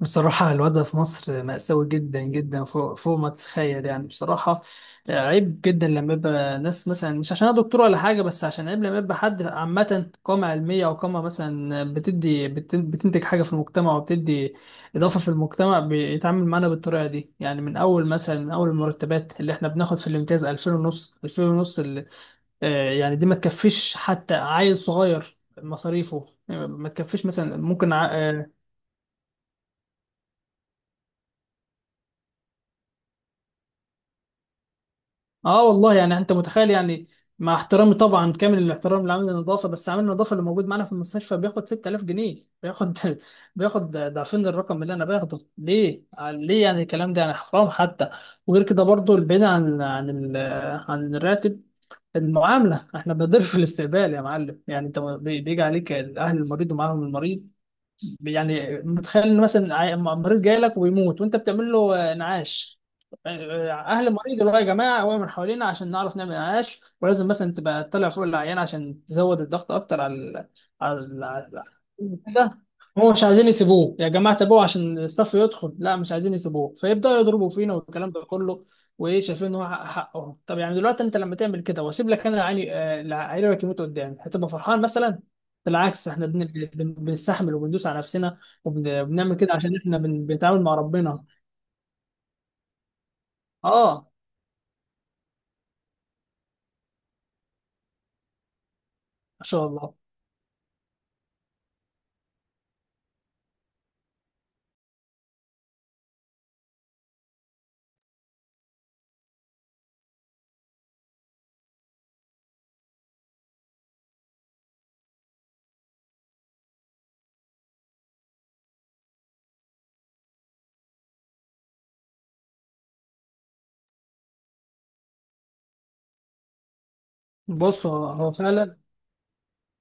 بصراحة، الوضع في مصر مأساوي جدا جدا، فوق فوق ما تتخيل يعني بصراحة. عيب جدا لما يبقى ناس مثلا، مش عشان أنا دكتور ولا حاجة، بس عشان عيب لما يبقى حد، عامة، قامة علمية أو قامة مثلا، بتنتج حاجة في المجتمع وبتدي إضافة في المجتمع، بيتعامل معانا بالطريقة دي. يعني من أول المرتبات اللي إحنا بناخد في الامتياز، 2000 ونص، 2000 ونص، اللي آه، يعني دي ما تكفيش حتى عيل صغير، مصاريفه ما تكفيش مثلا. ممكن. اه والله، يعني انت متخيل يعني. مع احترامي طبعا، كامل الاحترام لعامل النظافه، بس عامل النظافه اللي موجود معانا في المستشفى بياخد 6000 جنيه. بياخد بياخد ضعفين الرقم اللي انا باخده. ليه؟ آه، ليه؟ يعني الكلام ده يعني حرام حتى. وغير كده برضو، البعيد عن الراتب، المعامله. احنا بنضرب في الاستقبال يا معلم. يعني انت بيجي عليك اهل المريض ومعاهم المريض. يعني متخيل إن مثلا مريض جاي لك وبيموت، وانت بتعمل له نعاش. آه، اهل المريض يقولوا يا جماعه، وقعوا من حوالينا عشان نعرف نعمل نعاش، ولازم مثلا تبقى تطلع فوق العيان عشان تزود الضغط اكتر على ال- على كده. هو مش عايزين يسيبوه، يا جماعه تابعوه عشان الصف يدخل، لا مش عايزين يسيبوه، فيبداوا يضربوا فينا والكلام ده كله. وايه، شايفين ان هو حقهم. طب يعني دلوقتي انت لما تعمل كده واسيب لك انا العيان، العيان يموت قدامي، هتبقى فرحان مثلا؟ بالعكس، احنا بنستحمل وبندوس على نفسنا، وبنعمل كده عشان احنا بنتعامل مع ربنا. اه، ما شاء الله. بص، هو فعلا.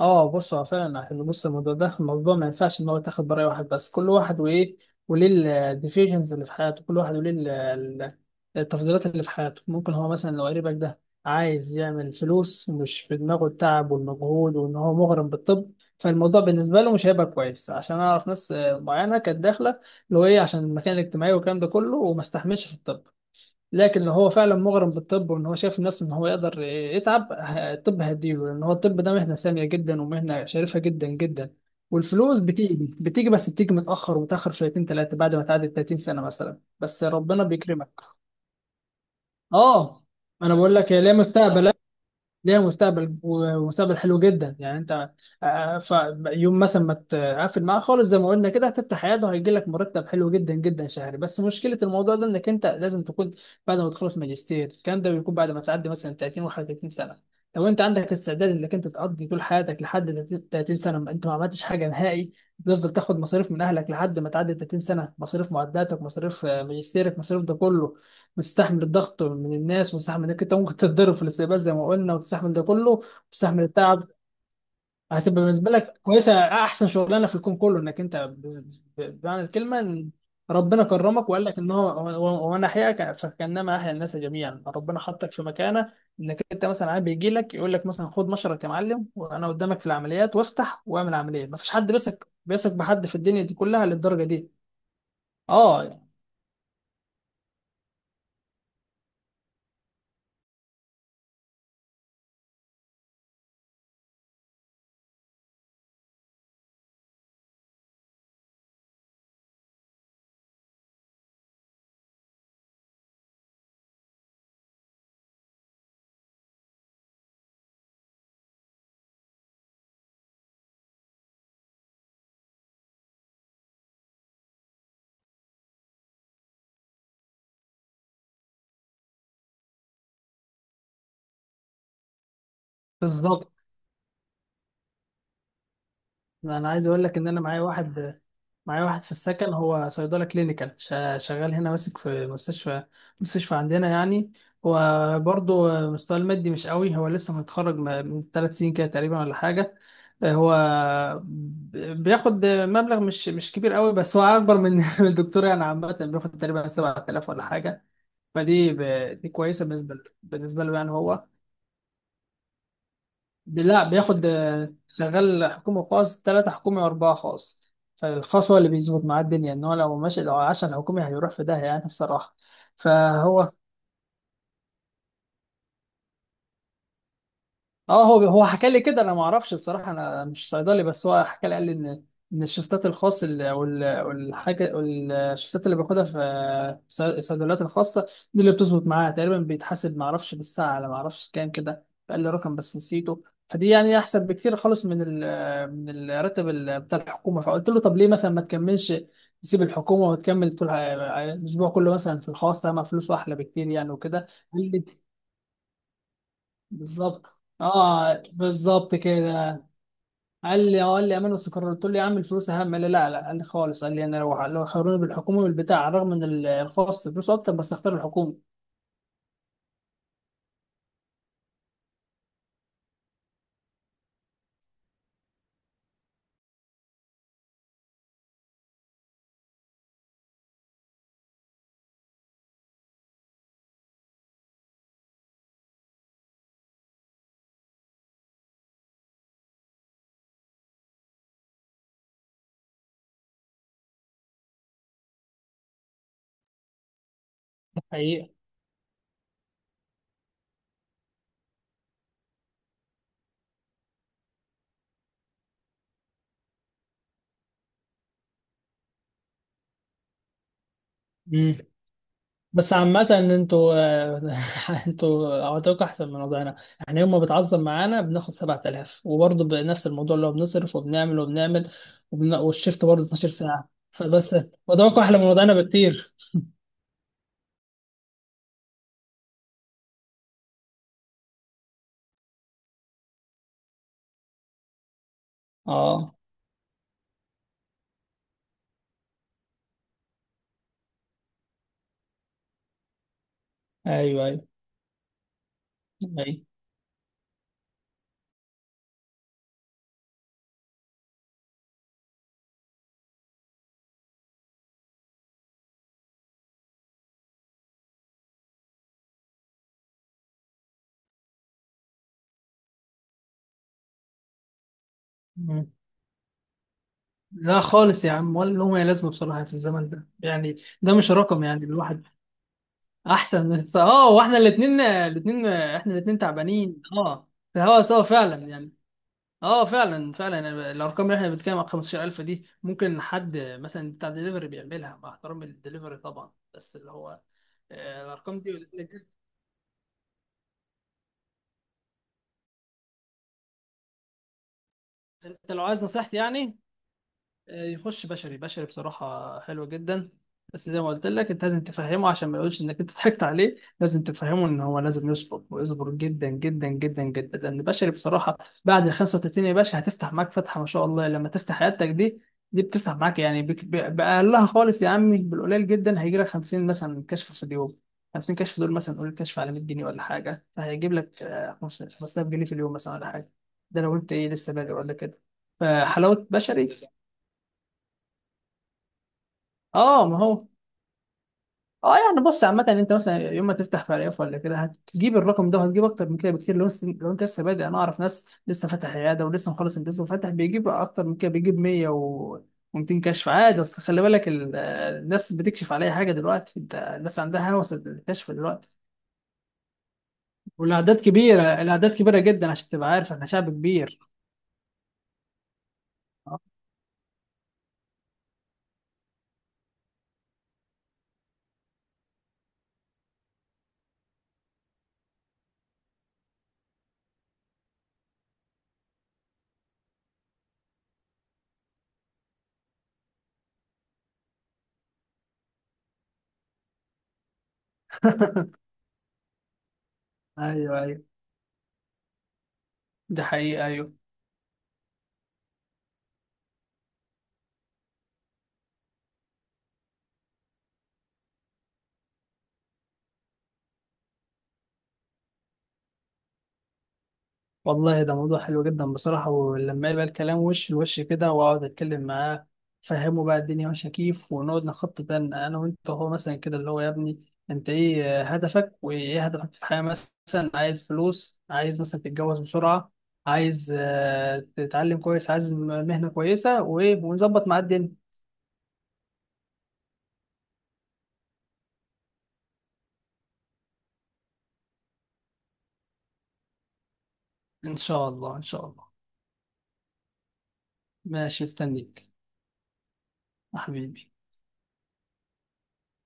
اه، بص هو فعلا. عشان بص، الموضوع ده، الموضوع ما ينفعش ان هو يتاخد براي واحد بس. كل واحد وايه وليه الديفيجنز اللي في حياته، كل واحد وليه التفضيلات اللي في حياته. ممكن هو مثلا لو قريبك ده عايز يعمل فلوس، مش في دماغه التعب والمجهود وان هو مغرم بالطب، فالموضوع بالنسبه له مش هيبقى كويس. عشان اعرف ناس معينه كانت داخله، اللي هو ايه، عشان المكان الاجتماعي والكلام ده كله، وما استحملش في الطب. لكن لو هو فعلا مغرم بالطب وان هو شايف نفسه ان هو يقدر يتعب، الطب هيديله، لان هو الطب ده مهنه ساميه جدا ومهنه شريفه جدا جدا. والفلوس بتيجي بس بتيجي متاخر، وتاخر شويتين ثلاثه، بعد ما تعدي 30 سنه مثلا، بس ربنا بيكرمك. اه، انا بقول لك هي ليها مستقبل، ليها مستقبل، ومستقبل حلو جدا. يعني انت آه، آه، ف يوم مثلا ما تقفل معاه خالص، زي ما قلنا كده، هتفتح عياده وهيجي لك مرتب حلو جدا جدا شهري. بس مشكله الموضوع ده انك انت لازم تكون بعد ما تخلص ماجستير. الكلام ده بيكون بعد ما تعدي مثلا 30 و31 سنه. لو انت عندك استعداد انك انت تقضي طول حياتك لحد 30 سنه ما انت ما عملتش حاجه نهائي، تفضل تاخد مصاريف من اهلك لحد ما تعدي 30 سنه. مصاريف معداتك، مصاريف ماجستيرك، مصاريف ده كله. وتستحمل الضغط من الناس، وتستحمل انك انت ممكن تتضرب في الاستقبال زي ما قلنا، وتستحمل ده كله، وتستحمل التعب. هتبقى بالنسبه لك كويسه، احسن شغلانه في الكون كله، انك انت بمعنى الكلمه، إن ربنا كرمك وقال لك ان وانا احياك فكانما احيا الناس جميعا. ربنا حطك في مكانه انك انت مثلا عاد بيجي لك يقول لك مثلا خد مشرط يا معلم وانا قدامك في العمليات، وافتح واعمل عمليه. مفيش حد بيثق بحد في الدنيا دي كلها للدرجه دي. اه بالظبط. انا عايز اقول لك ان انا معايا واحد في السكن. هو صيدله كلينيكال، شغال هنا ماسك في مستشفى عندنا يعني. وبرضه مستواه المادي مش قوي. هو لسه متخرج من 3 سنين كده تقريبا، ولا حاجه. هو بياخد مبلغ مش كبير قوي، بس هو اكبر من من الدكتور يعني. عامه بياخد تقريبا 7000 ولا حاجه. فدي دي كويسه بالنسبه له يعني. هو لا، بياخد شغال حكومي خاص، تلاتة حكومي وأربعة خاص. فالخاص هو اللي بيظبط معاه الدنيا. إن هو لو ماشي، لو عاش على الحكومي، هيروح في داهية يعني، بصراحة. فهو اه، هو حكى لي كده. انا ما اعرفش بصراحه، انا مش صيدلي، بس هو حكى لي قال لي ان، ان الشفتات الخاص والحاجه، الشفتات اللي باخدها في الصيدليات الخاصه دي اللي بتظبط معاها تقريبا. بيتحاسب ما اعرفش بالساعه على، ما اعرفش كام كده، قال لي رقم بس نسيته. فدي يعني احسن بكتير خالص من ال، من الراتب بتاع الحكومه. فقلت له طب ليه مثلا ما تكملش؟ تسيب الحكومه وتكمل طول الاسبوع كله مثلا في الخاص، طالما فلوسه احلى بكتير يعني وكده. بالظبط اه، بالظبط كده. قال لي، اه قال لي امان واستقرار. قلت له يا عم، الفلوس اهم. قال لي لا، لا، قال لي خالص. قال لي، انا لو لو خيروني بالحكومه والبتاع، رغم ان الخاص فلوسه اكتر، بس اختار الحكومه. حقيقه. امم. بس عامة، ان انتوا انتوا عطاكوا احسن من وضعنا. احنا يوم ما بتعظم معانا بناخد 7000، وبرضه بنفس الموضوع، اللي هو بنصرف وبنعمل، وبن... والشيفت برضه 12 ساعة فبس. وضعكم احلى من وضعنا بكتير. اه، ايوه ايوه، ايوه. لا خالص يا عم، ولا لهم اي لازمه بصراحه في الزمن ده يعني. ده مش رقم يعني الواحد. احسن اه، واحنا الاثنين تعبانين. اه، في هوا سوا فعلا يعني. اه، فعلا فعلا يعني. الارقام اللي احنا بنتكلم عن 15000 دي، ممكن حد مثلا بتاع دليفري بيعملها، مع احترامي للدليفري طبعا، بس اللي هو الارقام دي. انت لو عايز نصيحتي يعني، يخش بشري. بشري بصراحة حلو جدا. بس زي ما قلت لك انت لازم تفهمه، عشان ما يقولش انك انت ضحكت عليه. لازم تفهمه ان هو لازم يصبر، ويصبر جدا جدا جدا جدا. لان بشري بصراحة، بعد ال 35 يا باشا، هتفتح معاك فتحة ما شاء الله لما تفتح عيادتك دي. دي بتفتح معاك يعني بأقلها خالص يا عمي، بالقليل جدا، هيجي لك 50 مثلا كشف في اليوم. 50 كشف دول مثلا، قول كشف على 100 جنيه ولا حاجة، فهيجيب لك 5000 جنيه في اليوم مثلا ولا حاجة. ده لو انت ايه لسه بادئ ولا كده. فحلاوة بشري. اه، ما هو، اه، يعني بص، عامة انت مثلا يوم ما تفتح فريق ولا كده، هتجيب الرقم ده، وهتجيب اكتر من كده بكتير. لو لو انت لسه بادئ. انا اعرف ناس لسه فاتح عياده ولسه مخلص امتياز وفاتح، بيجيب اكتر من كده، بيجيب 100 و... و200 كشف عادي. اصل خلي بالك الناس بتكشف على اي حاجه دلوقتي. انت الناس عندها هوس الكشف دلوقتي. والاعداد كبيره، الاعداد كبيره جدا، عشان تبقى عارف احنا شعب كبير. ايوه ايوه، ده حقيقة ايوه. والله ده موضوع حلو جدا بصراحة. ولما يبقى الكلام وش لوش كده، وأقعد أتكلم معاه، فهمه بقى الدنيا ماشية كيف، ونقعد نخطط أنا وأنت، هو مثلا كده اللي هو، يا ابني أنت إيه هدفك، وإيه هدفك في الحياة مثلا؟ عايز فلوس؟ عايز مثلا تتجوز بسرعة؟ عايز تتعلم كويس؟ عايز مهنة كويسة؟ وإيه ونظبط مع الدنيا. إن شاء الله، إن شاء الله. ماشي استنيك يا حبيبي.